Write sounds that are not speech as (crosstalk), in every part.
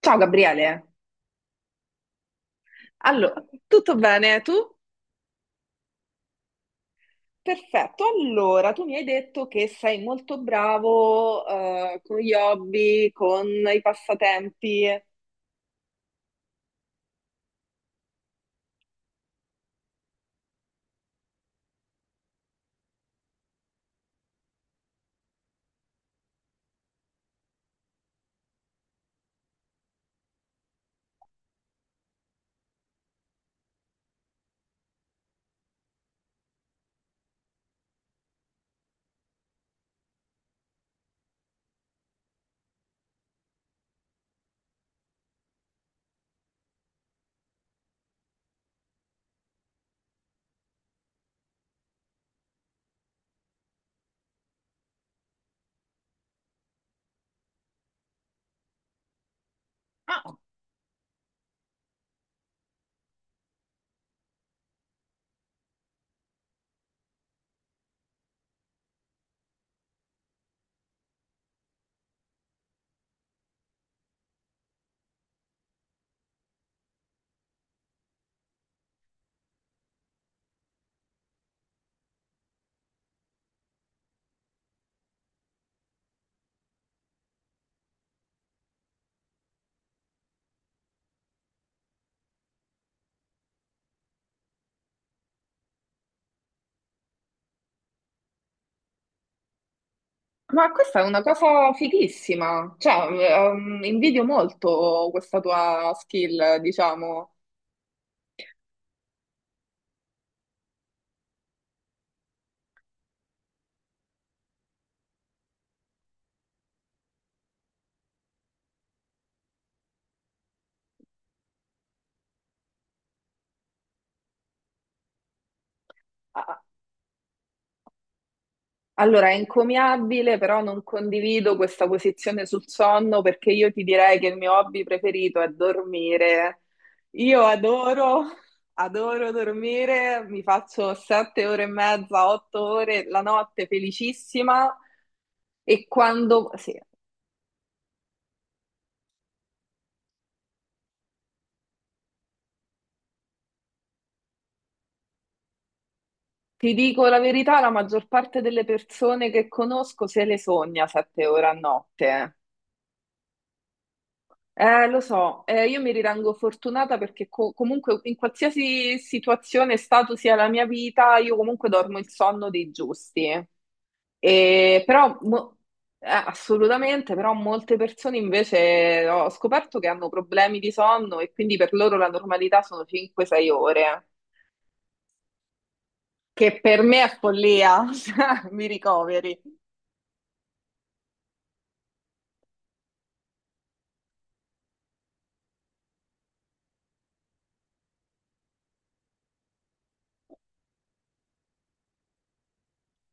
Ciao Gabriele, allora, tutto bene? Tu? Perfetto, allora tu mi hai detto che sei molto bravo con gli hobby, con i passatempi. Ah, ma questa è una cosa fighissima, cioè invidio molto questa tua skill, diciamo. Ah. Allora, è encomiabile, però non condivido questa posizione sul sonno perché io ti direi che il mio hobby preferito è dormire. Io adoro, adoro dormire, mi faccio 7 ore e mezza, 8 ore la notte felicissima e quando, sì, ti dico la verità, la maggior parte delle persone che conosco se le sogna 7 ore a notte. Lo so, io mi ritengo fortunata perché comunque in qualsiasi situazione, e stato sia la mia vita, io comunque dormo il sonno dei giusti. E però. Eh, assolutamente, però molte persone invece ho scoperto che hanno problemi di sonno e quindi per loro la normalità sono 5-6 ore, che per me è follia. (laughs) Cioè, mi ricoveri.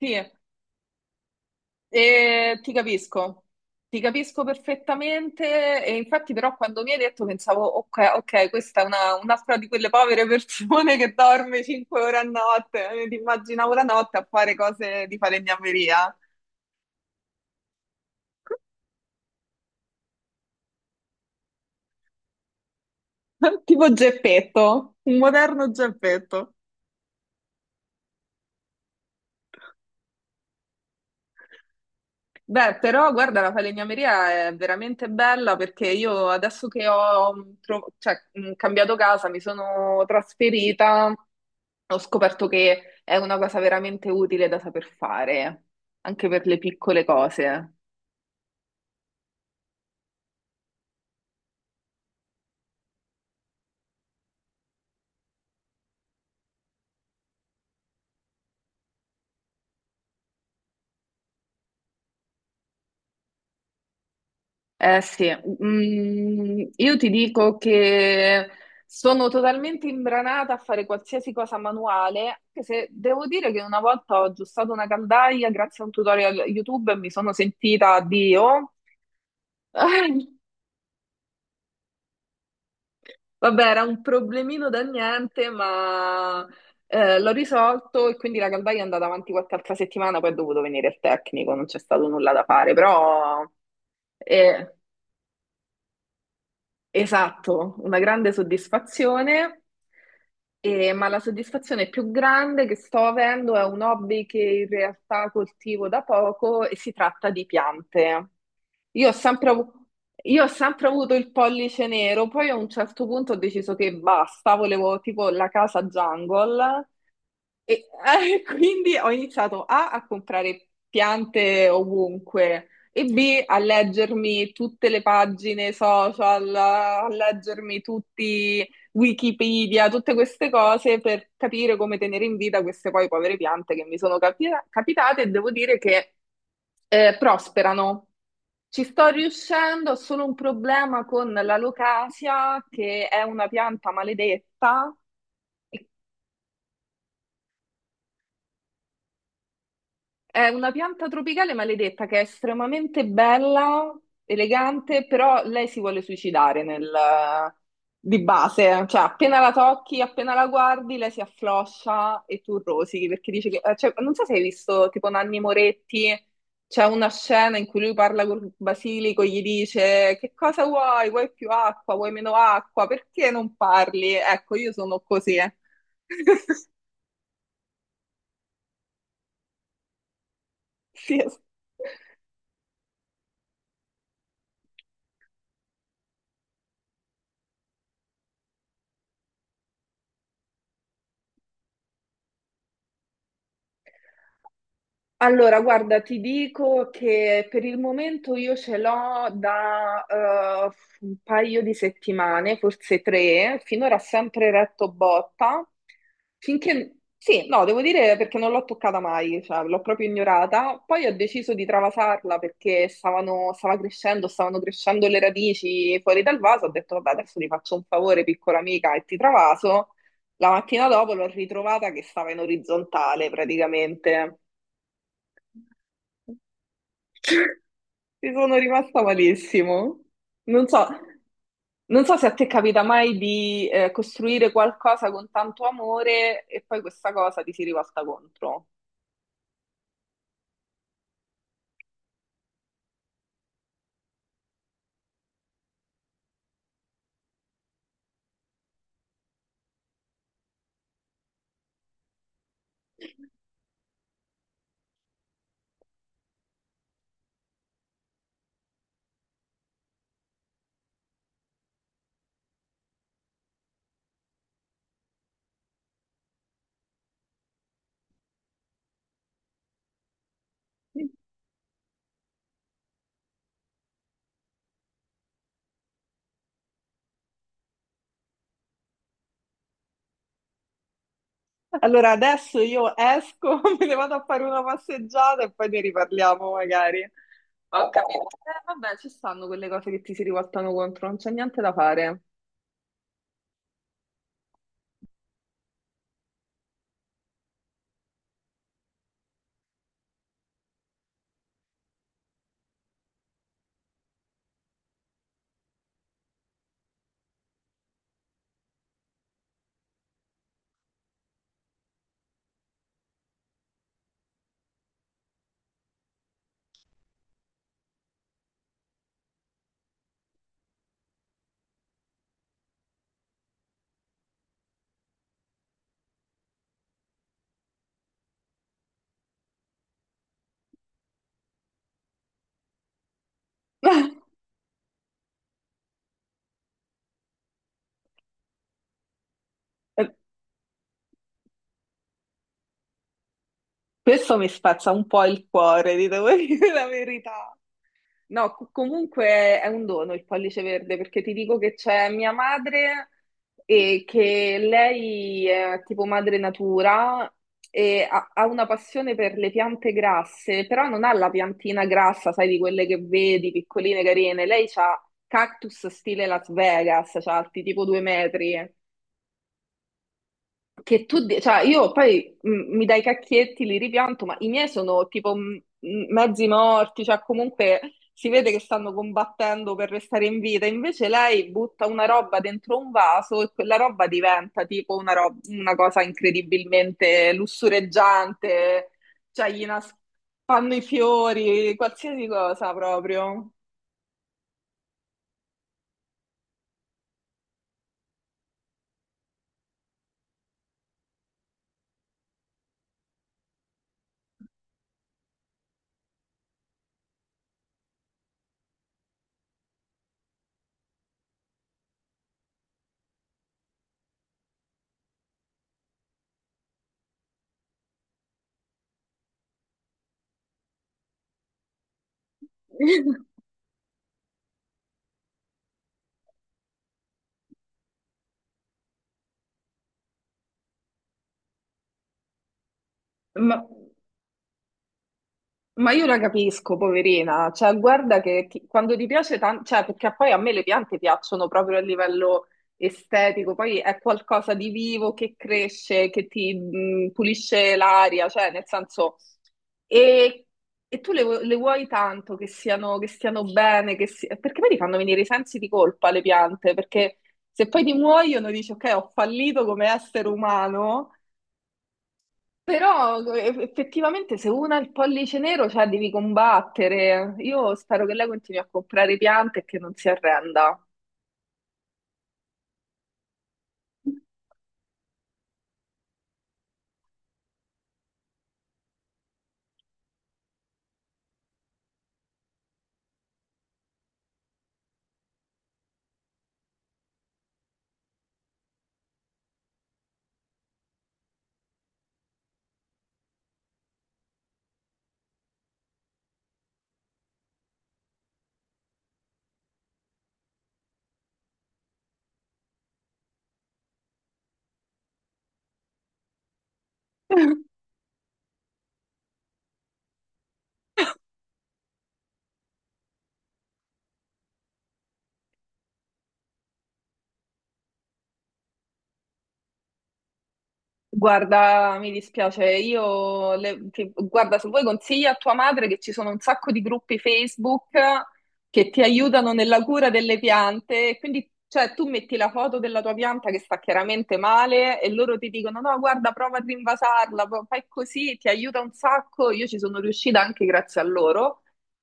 Sì, e ti capisco perfettamente e infatti però quando mi hai detto pensavo, ok, ok, questa è un'altra di quelle povere persone (laughs) che dorme 5 ore a notte, ti immaginavo la notte a fare cose di falegnameria. (laughs) Tipo Geppetto, un moderno Geppetto. Beh, però guarda, la falegnameria è veramente bella perché io adesso che ho cioè, cambiato casa, mi sono trasferita, ho scoperto che è una cosa veramente utile da saper fare, anche per le piccole cose. Eh sì, io ti dico che sono totalmente imbranata a fare qualsiasi cosa manuale, anche se devo dire che una volta ho aggiustato una caldaia grazie a un tutorial YouTube e mi sono sentita Dio. (laughs) Vabbè, era un problemino da niente, ma l'ho risolto e quindi la caldaia è andata avanti qualche altra settimana, poi è dovuto venire il tecnico, non c'è stato nulla da fare, però. eh, Esatto, una grande soddisfazione. Ma la soddisfazione più grande che sto avendo è un hobby che in realtà coltivo da poco e si tratta di piante. Io ho sempre, avu- io ho sempre avuto il pollice nero, poi a un certo punto ho deciso che basta, volevo tipo la casa jungle e (laughs) quindi ho iniziato A a comprare piante ovunque e B a leggermi tutte le pagine social, a leggermi tutti Wikipedia, tutte queste cose per capire come tenere in vita queste poi povere piante che mi sono capitate e devo dire che prosperano. Ci sto riuscendo, ho solo un problema con la locasia, che è una pianta maledetta. È una pianta tropicale maledetta che è estremamente bella, elegante, però lei si vuole suicidare di base, cioè appena la tocchi, appena la guardi, lei si affloscia e tu rosichi perché dice che, cioè, non so se hai visto tipo Nanni Moretti, c'è una scena in cui lui parla con Basilico, gli dice che cosa vuoi? Vuoi più acqua? Vuoi meno acqua? Perché non parli? Ecco, io sono così. (laughs) Sì. Allora, guarda, ti dico che per il momento io ce l'ho da un paio di settimane, forse 3, finora sempre retto botta, finché, sì, no, devo dire perché non l'ho toccata mai, cioè l'ho proprio ignorata, poi ho deciso di travasarla perché stavano crescendo le radici fuori dal vaso, ho detto vabbè adesso ti faccio un favore piccola amica e ti travaso, la mattina dopo l'ho ritrovata che stava in orizzontale praticamente. (laughs) Ci sono rimasta malissimo. Non so, non so se a te capita mai di costruire qualcosa con tanto amore e poi questa cosa ti si rivolta contro. Allora adesso io esco, (laughs) me ne vado a fare una passeggiata e poi ne riparliamo magari. Ho capito. Vabbè, ci stanno quelle cose che ti si rivoltano contro, non c'è niente da fare. (laughs) Questo mi spezza un po' il cuore, ti devo (laughs) dire la verità. No, comunque è un dono il pollice verde perché ti dico che c'è mia madre e che lei è tipo madre natura e ha, ha una passione per le piante grasse, però non ha la piantina grassa, sai, di quelle che vedi, piccoline, carine. Lei ha cactus stile Las Vegas, cioè alti tipo 2 metri che tu, di- cioè io poi mi dai i cacchietti, li ripianto, ma i miei sono tipo mezzi morti, cioè comunque si vede che stanno combattendo per restare in vita. Invece lei butta una roba dentro un vaso e quella roba diventa tipo una cosa incredibilmente lussureggiante, cioè fanno i fiori, qualsiasi cosa proprio. (laughs) Ma Ma io la capisco, poverina, cioè guarda che ti- quando ti piace tanto, cioè perché poi a me le piante piacciono proprio a livello estetico, poi è qualcosa di vivo che cresce, che ti pulisce l'aria, cioè nel senso, e, e tu le vuoi tanto che siano, che stiano bene, perché poi ti fanno venire i sensi di colpa le piante, perché se poi ti muoiono dici ok, ho fallito come essere umano però effettivamente se una ha il pollice nero, cioè devi combattere. Io spero che lei continui a comprare piante e che non si arrenda. Guarda, mi dispiace, io guarda, se vuoi consiglia a tua madre che ci sono un sacco di gruppi Facebook che ti aiutano nella cura delle piante, e quindi cioè tu metti la foto della tua pianta che sta chiaramente male e loro ti dicono no, guarda, prova a rinvasarla, fai così, ti aiuta un sacco, io ci sono riuscita anche grazie a loro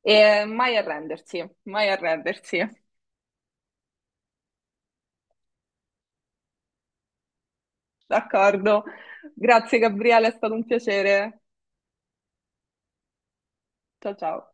e mai arrendersi, mai arrendersi. D'accordo. Grazie Gabriele, è stato un piacere. Ciao ciao.